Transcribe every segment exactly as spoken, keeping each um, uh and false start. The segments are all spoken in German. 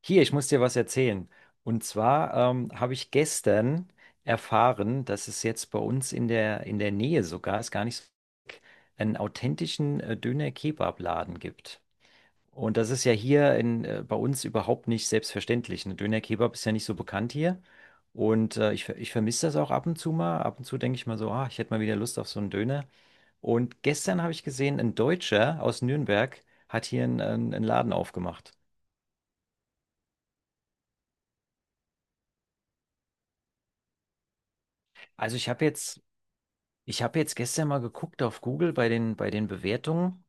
Hier, ich muss dir was erzählen. Und zwar ähm, habe ich gestern erfahren, dass es jetzt bei uns in der, in der Nähe sogar, ist gar nicht so weit, einen authentischen äh, Döner-Kebab-Laden gibt. Und das ist ja hier in, äh, bei uns überhaupt nicht selbstverständlich. Ein Döner-Kebab ist ja nicht so bekannt hier. Und äh, ich, ver- ich vermisse das auch ab und zu mal. Ab und zu denke ich mal so, ah, ich hätte mal wieder Lust auf so einen Döner. Und gestern habe ich gesehen, ein Deutscher aus Nürnberg hat hier einen, einen einen Laden aufgemacht. Also ich habe jetzt Ich habe jetzt gestern mal geguckt auf Google bei den, bei den Bewertungen.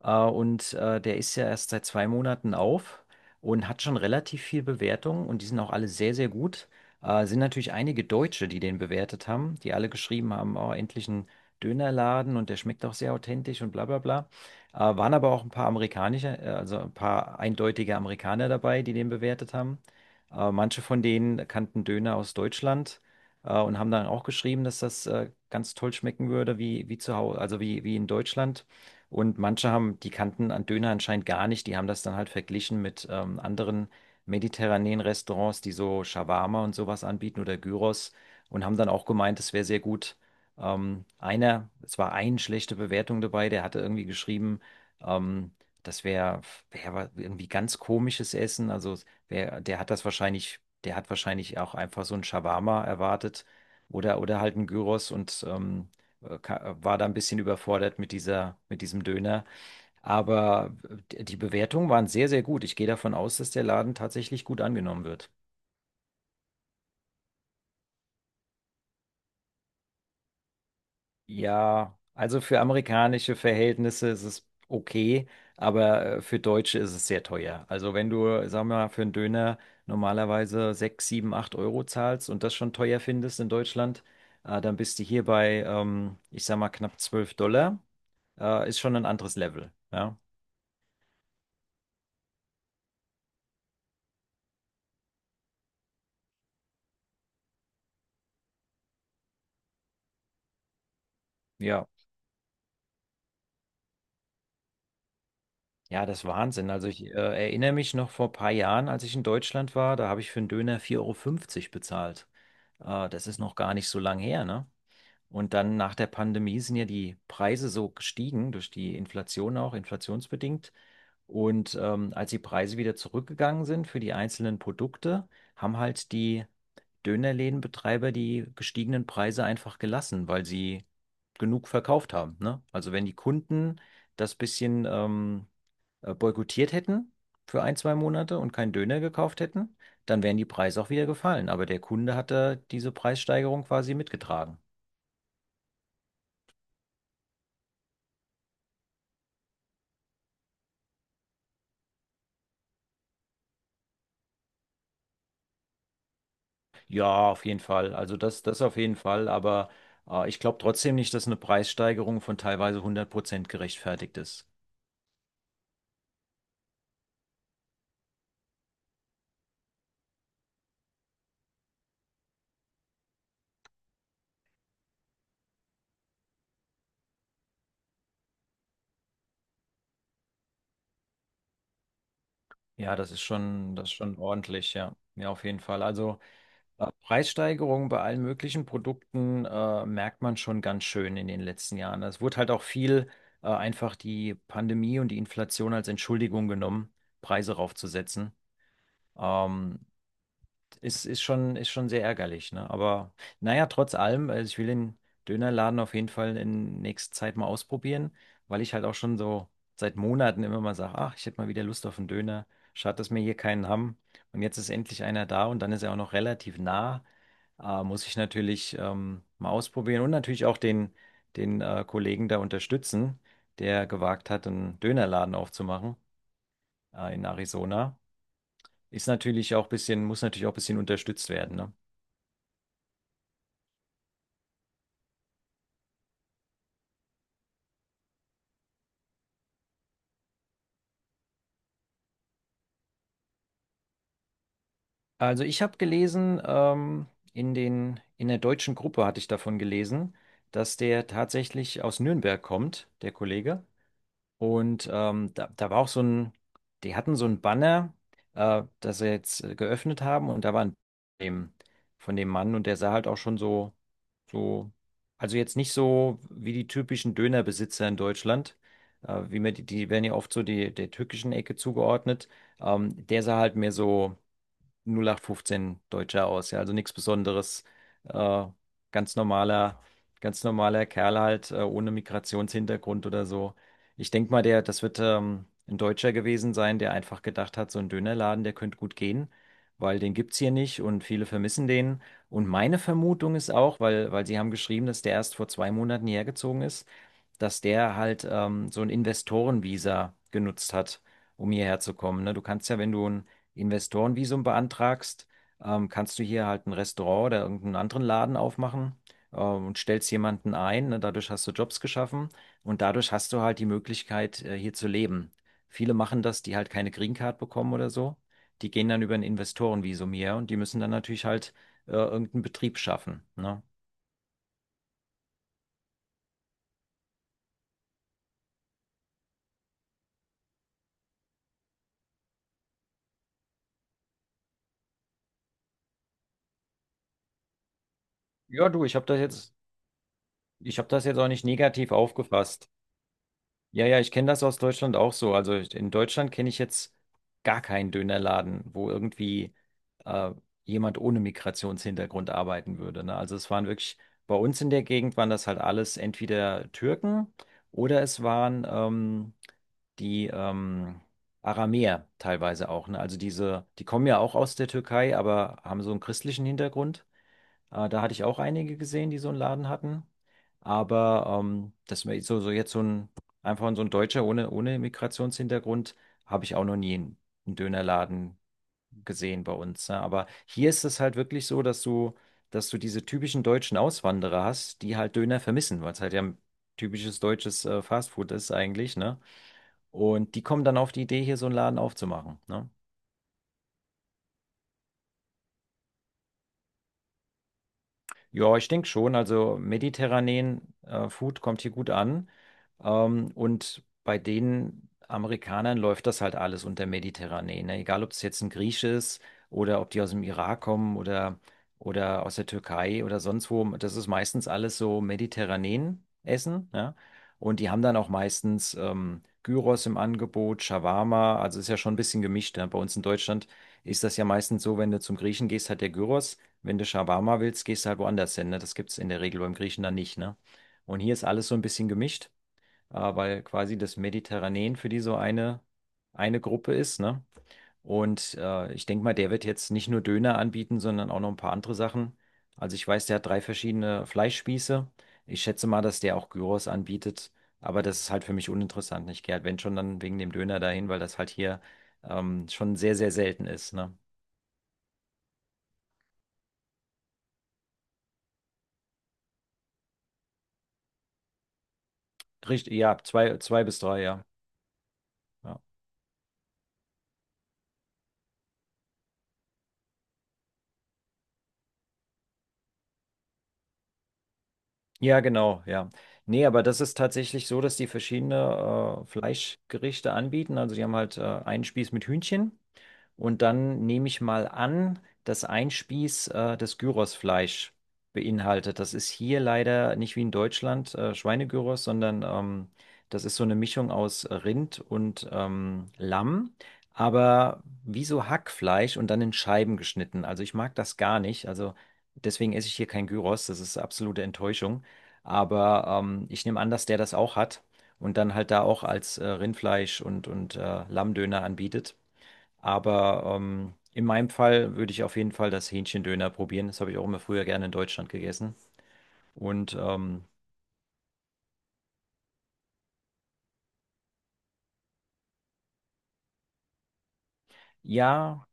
Äh, und äh, der ist ja erst seit zwei Monaten auf und hat schon relativ viel Bewertungen und die sind auch alle sehr, sehr gut. Äh, sind natürlich einige Deutsche, die den bewertet haben, die alle geschrieben haben, oh, endlich ein Dönerladen, und der schmeckt auch sehr authentisch und bla bla bla. Äh, waren aber auch ein paar amerikanische, äh, also ein paar eindeutige Amerikaner dabei, die den bewertet haben. Äh, manche von denen kannten Döner aus Deutschland. äh, Und haben dann auch geschrieben, dass das äh, ganz toll schmecken würde, wie, wie zu Hause, also wie, wie in Deutschland. Und manche haben, die kannten an Döner anscheinend gar nicht. Die haben das dann halt verglichen mit ähm, anderen mediterranen Restaurants, die so Shawarma und sowas anbieten oder Gyros, und haben dann auch gemeint, es wäre sehr gut. Ähm, einer, es war eine schlechte Bewertung dabei, der hatte irgendwie geschrieben, ähm, das wäre wär wär irgendwie ganz komisches Essen. Also wer, der hat das wahrscheinlich, der hat wahrscheinlich auch einfach so ein Shawarma erwartet, oder, oder halt ein Gyros, und ähm, äh, ka- äh, war da ein bisschen überfordert mit dieser, mit diesem Döner. Aber d- die Bewertungen waren sehr, sehr gut. Ich gehe davon aus, dass der Laden tatsächlich gut angenommen wird. Ja, also für amerikanische Verhältnisse ist es okay, aber äh, für Deutsche ist es sehr teuer. Also wenn du, sagen wir mal, für einen Döner normalerweise sechs sieben acht Euro zahlst und das schon teuer findest in Deutschland, äh, dann bist du hier bei, ähm, ich sag mal, knapp zwölf Dollar. Äh, ist schon ein anderes Level. Ja, ja. Ja, das ist Wahnsinn. Also ich äh, erinnere mich noch, vor ein paar Jahren, als ich in Deutschland war, da habe ich für einen Döner vier Euro fünfzig bezahlt. Äh, das ist noch gar nicht so lang her, ne? Und dann nach der Pandemie sind ja die Preise so gestiegen, durch die Inflation auch, inflationsbedingt. Und ähm, als die Preise wieder zurückgegangen sind für die einzelnen Produkte, haben halt die Dönerlädenbetreiber die gestiegenen Preise einfach gelassen, weil sie genug verkauft haben. Ne? Also wenn die Kunden das bisschen ähm, äh, boykottiert hätten für ein, zwei Monate und keinen Döner gekauft hätten, dann wären die Preise auch wieder gefallen. Aber der Kunde hat da diese Preissteigerung quasi mitgetragen. Ja, auf jeden Fall. Also das, das auf jeden Fall. Aber äh, ich glaube trotzdem nicht, dass eine Preissteigerung von teilweise hundert Prozent gerechtfertigt ist. Ja, das ist schon, das ist schon ordentlich, ja. Ja, auf jeden Fall. Also ja, Preissteigerungen bei allen möglichen Produkten äh, merkt man schon ganz schön in den letzten Jahren. Es wurde halt auch viel äh, einfach die Pandemie und die Inflation als Entschuldigung genommen, Preise raufzusetzen. Ähm, ist, Ist schon, ist schon sehr ärgerlich, ne? Aber naja, trotz allem, also ich will den Dönerladen auf jeden Fall in nächster Zeit mal ausprobieren, weil ich halt auch schon so seit Monaten immer mal sage, ach, ich hätte mal wieder Lust auf einen Döner. Schade, dass wir hier keinen haben. Und jetzt ist endlich einer da und dann ist er auch noch relativ nah. Äh, muss ich natürlich ähm, mal ausprobieren und natürlich auch den, den äh, Kollegen da unterstützen, der gewagt hat, einen Dönerladen aufzumachen äh, in Arizona. Ist natürlich auch ein bisschen, muss natürlich auch ein bisschen unterstützt werden, ne? Also ich habe gelesen, ähm, in den, in der deutschen Gruppe hatte ich davon gelesen, dass der tatsächlich aus Nürnberg kommt, der Kollege. Und ähm, da, da war auch so ein, die hatten so ein Banner, äh, das sie jetzt äh, geöffnet haben, und da war ein dem, von dem Mann, und der sah halt auch schon so, so, also jetzt nicht so wie die typischen Dönerbesitzer in Deutschland, äh, wie man die, die werden ja oft so die, der türkischen Ecke zugeordnet. Ähm, der sah halt mehr so null acht fünfzehn Deutscher aus, ja, also nichts Besonderes. Äh, ganz normaler, Ganz normaler Kerl halt, äh, ohne Migrationshintergrund oder so. Ich denke mal, der, das wird ähm, ein Deutscher gewesen sein, der einfach gedacht hat, so ein Dönerladen, der könnte gut gehen, weil den gibt's hier nicht und viele vermissen den. Und meine Vermutung ist auch, weil, weil sie haben geschrieben, dass der erst vor zwei Monaten hergezogen ist, dass der halt ähm, so ein Investorenvisa genutzt hat, um hierher zu kommen. Ne? Du kannst ja, wenn du ein Investorenvisum beantragst, ähm, kannst du hier halt ein Restaurant oder irgendeinen anderen Laden aufmachen, ähm, und stellst jemanden ein. Ne? Dadurch hast du Jobs geschaffen und dadurch hast du halt die Möglichkeit, äh, hier zu leben. Viele machen das, die halt keine Green Card bekommen oder so. Die gehen dann über ein Investorenvisum hier, und die müssen dann natürlich halt äh, irgendeinen Betrieb schaffen. Ne? Ja, du, ich habe das jetzt, ich habe das jetzt auch nicht negativ aufgefasst. Ja, ja, ich kenne das aus Deutschland auch so. Also ich- in Deutschland kenne ich jetzt gar keinen Dönerladen, wo irgendwie äh, jemand ohne Migrationshintergrund arbeiten würde. Ne? Also es waren wirklich, bei uns in der Gegend waren das halt alles entweder Türken, oder es waren ähm, die ähm, Aramäer teilweise auch. Ne? Also diese, die kommen ja auch aus der Türkei, aber haben so einen christlichen Hintergrund. Äh, da hatte ich auch einige gesehen, die so einen Laden hatten. Aber ähm, dass man so, so jetzt so ein, einfach so ein Deutscher ohne, ohne Migrationshintergrund, habe ich auch noch nie einen, einen Dönerladen gesehen bei uns. Ne? Aber hier ist es halt wirklich so, dass du, dass du diese typischen deutschen Auswanderer hast, die halt Döner vermissen, weil es halt ja ein typisches deutsches äh, Fastfood ist eigentlich, ne? Und die kommen dann auf die Idee, hier so einen Laden aufzumachen, ne? Ja, ich denke schon. Also mediterranen äh, Food kommt hier gut an. Ähm, und bei den Amerikanern läuft das halt alles unter mediterranen, ne? Egal, ob es jetzt ein Griech ist oder ob die aus dem Irak kommen, oder, oder aus der Türkei oder sonst wo. Das ist meistens alles so mediterranen Essen, ja? Und die haben dann auch meistens ähm, Gyros im Angebot, Shawarma. Also ist ja schon ein bisschen gemischt, ne? Bei uns in Deutschland ist das ja meistens so, wenn du zum Griechen gehst, hat der Gyros. Wenn du Shawarma willst, gehst du halt woanders hin. Ne? Das gibt es in der Regel beim Griechen dann nicht. Ne? Und hier ist alles so ein bisschen gemischt, äh, weil quasi das Mediterranean für die so eine, eine Gruppe ist. Ne? Und äh, ich denke mal, der wird jetzt nicht nur Döner anbieten, sondern auch noch ein paar andere Sachen. Also ich weiß, der hat drei verschiedene Fleischspieße. Ich schätze mal, dass der auch Gyros anbietet. Aber das ist halt für mich uninteressant. Ich gehe halt, wenn schon, dann wegen dem Döner dahin, weil das halt hier ähm, schon sehr, sehr selten ist. Ne? Richtig, ja, zwei, zwei bis drei, ja. Ja. Ja, genau, ja. Nee, aber das ist tatsächlich so, dass die verschiedene äh, Fleischgerichte anbieten. Also die haben halt äh, einen Spieß mit Hühnchen. Und dann nehme ich mal an, dass ein Spieß äh, das Gyrosfleisch beinhaltet. Das ist hier leider nicht wie in Deutschland, äh, Schweinegyros, sondern ähm, das ist so eine Mischung aus Rind und ähm, Lamm, aber wie so Hackfleisch und dann in Scheiben geschnitten. Also ich mag das gar nicht. Also deswegen esse ich hier kein Gyros. Das ist absolute Enttäuschung. Aber ähm, ich nehme an, dass der das auch hat und dann halt da auch als äh, Rindfleisch und, und äh, Lammdöner anbietet. Aber ähm, in meinem Fall würde ich auf jeden Fall das Hähnchendöner probieren. Das habe ich auch immer früher gerne in Deutschland gegessen. Und ähm, ja,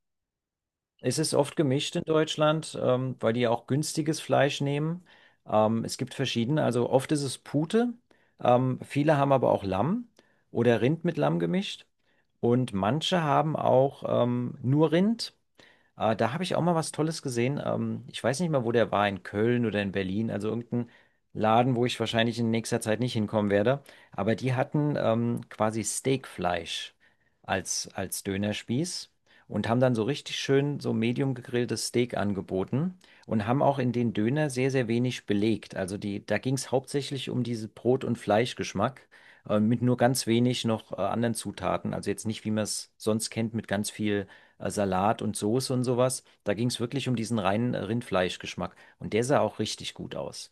es ist oft gemischt in Deutschland, ähm, weil die auch günstiges Fleisch nehmen. Ähm, es gibt verschiedene. Also oft ist es Pute. Ähm, viele haben aber auch Lamm oder Rind mit Lamm gemischt. Und manche haben auch ähm, nur Rind. Äh, da habe ich auch mal was Tolles gesehen. Ähm, ich weiß nicht mal, wo der war, in Köln oder in Berlin, also irgendein Laden, wo ich wahrscheinlich in nächster Zeit nicht hinkommen werde. Aber die hatten ähm, quasi Steakfleisch als, als Dönerspieß und haben dann so richtig schön so medium gegrilltes Steak angeboten und haben auch in den Döner sehr, sehr wenig belegt. Also die, da ging es hauptsächlich um diesen Brot- und Fleischgeschmack. äh, Mit nur ganz wenig noch äh, anderen Zutaten. Also jetzt nicht, wie man es sonst kennt, mit ganz viel äh, Salat und Soße und sowas. Da ging es wirklich um diesen reinen äh, Rindfleischgeschmack. Und der sah auch richtig gut aus.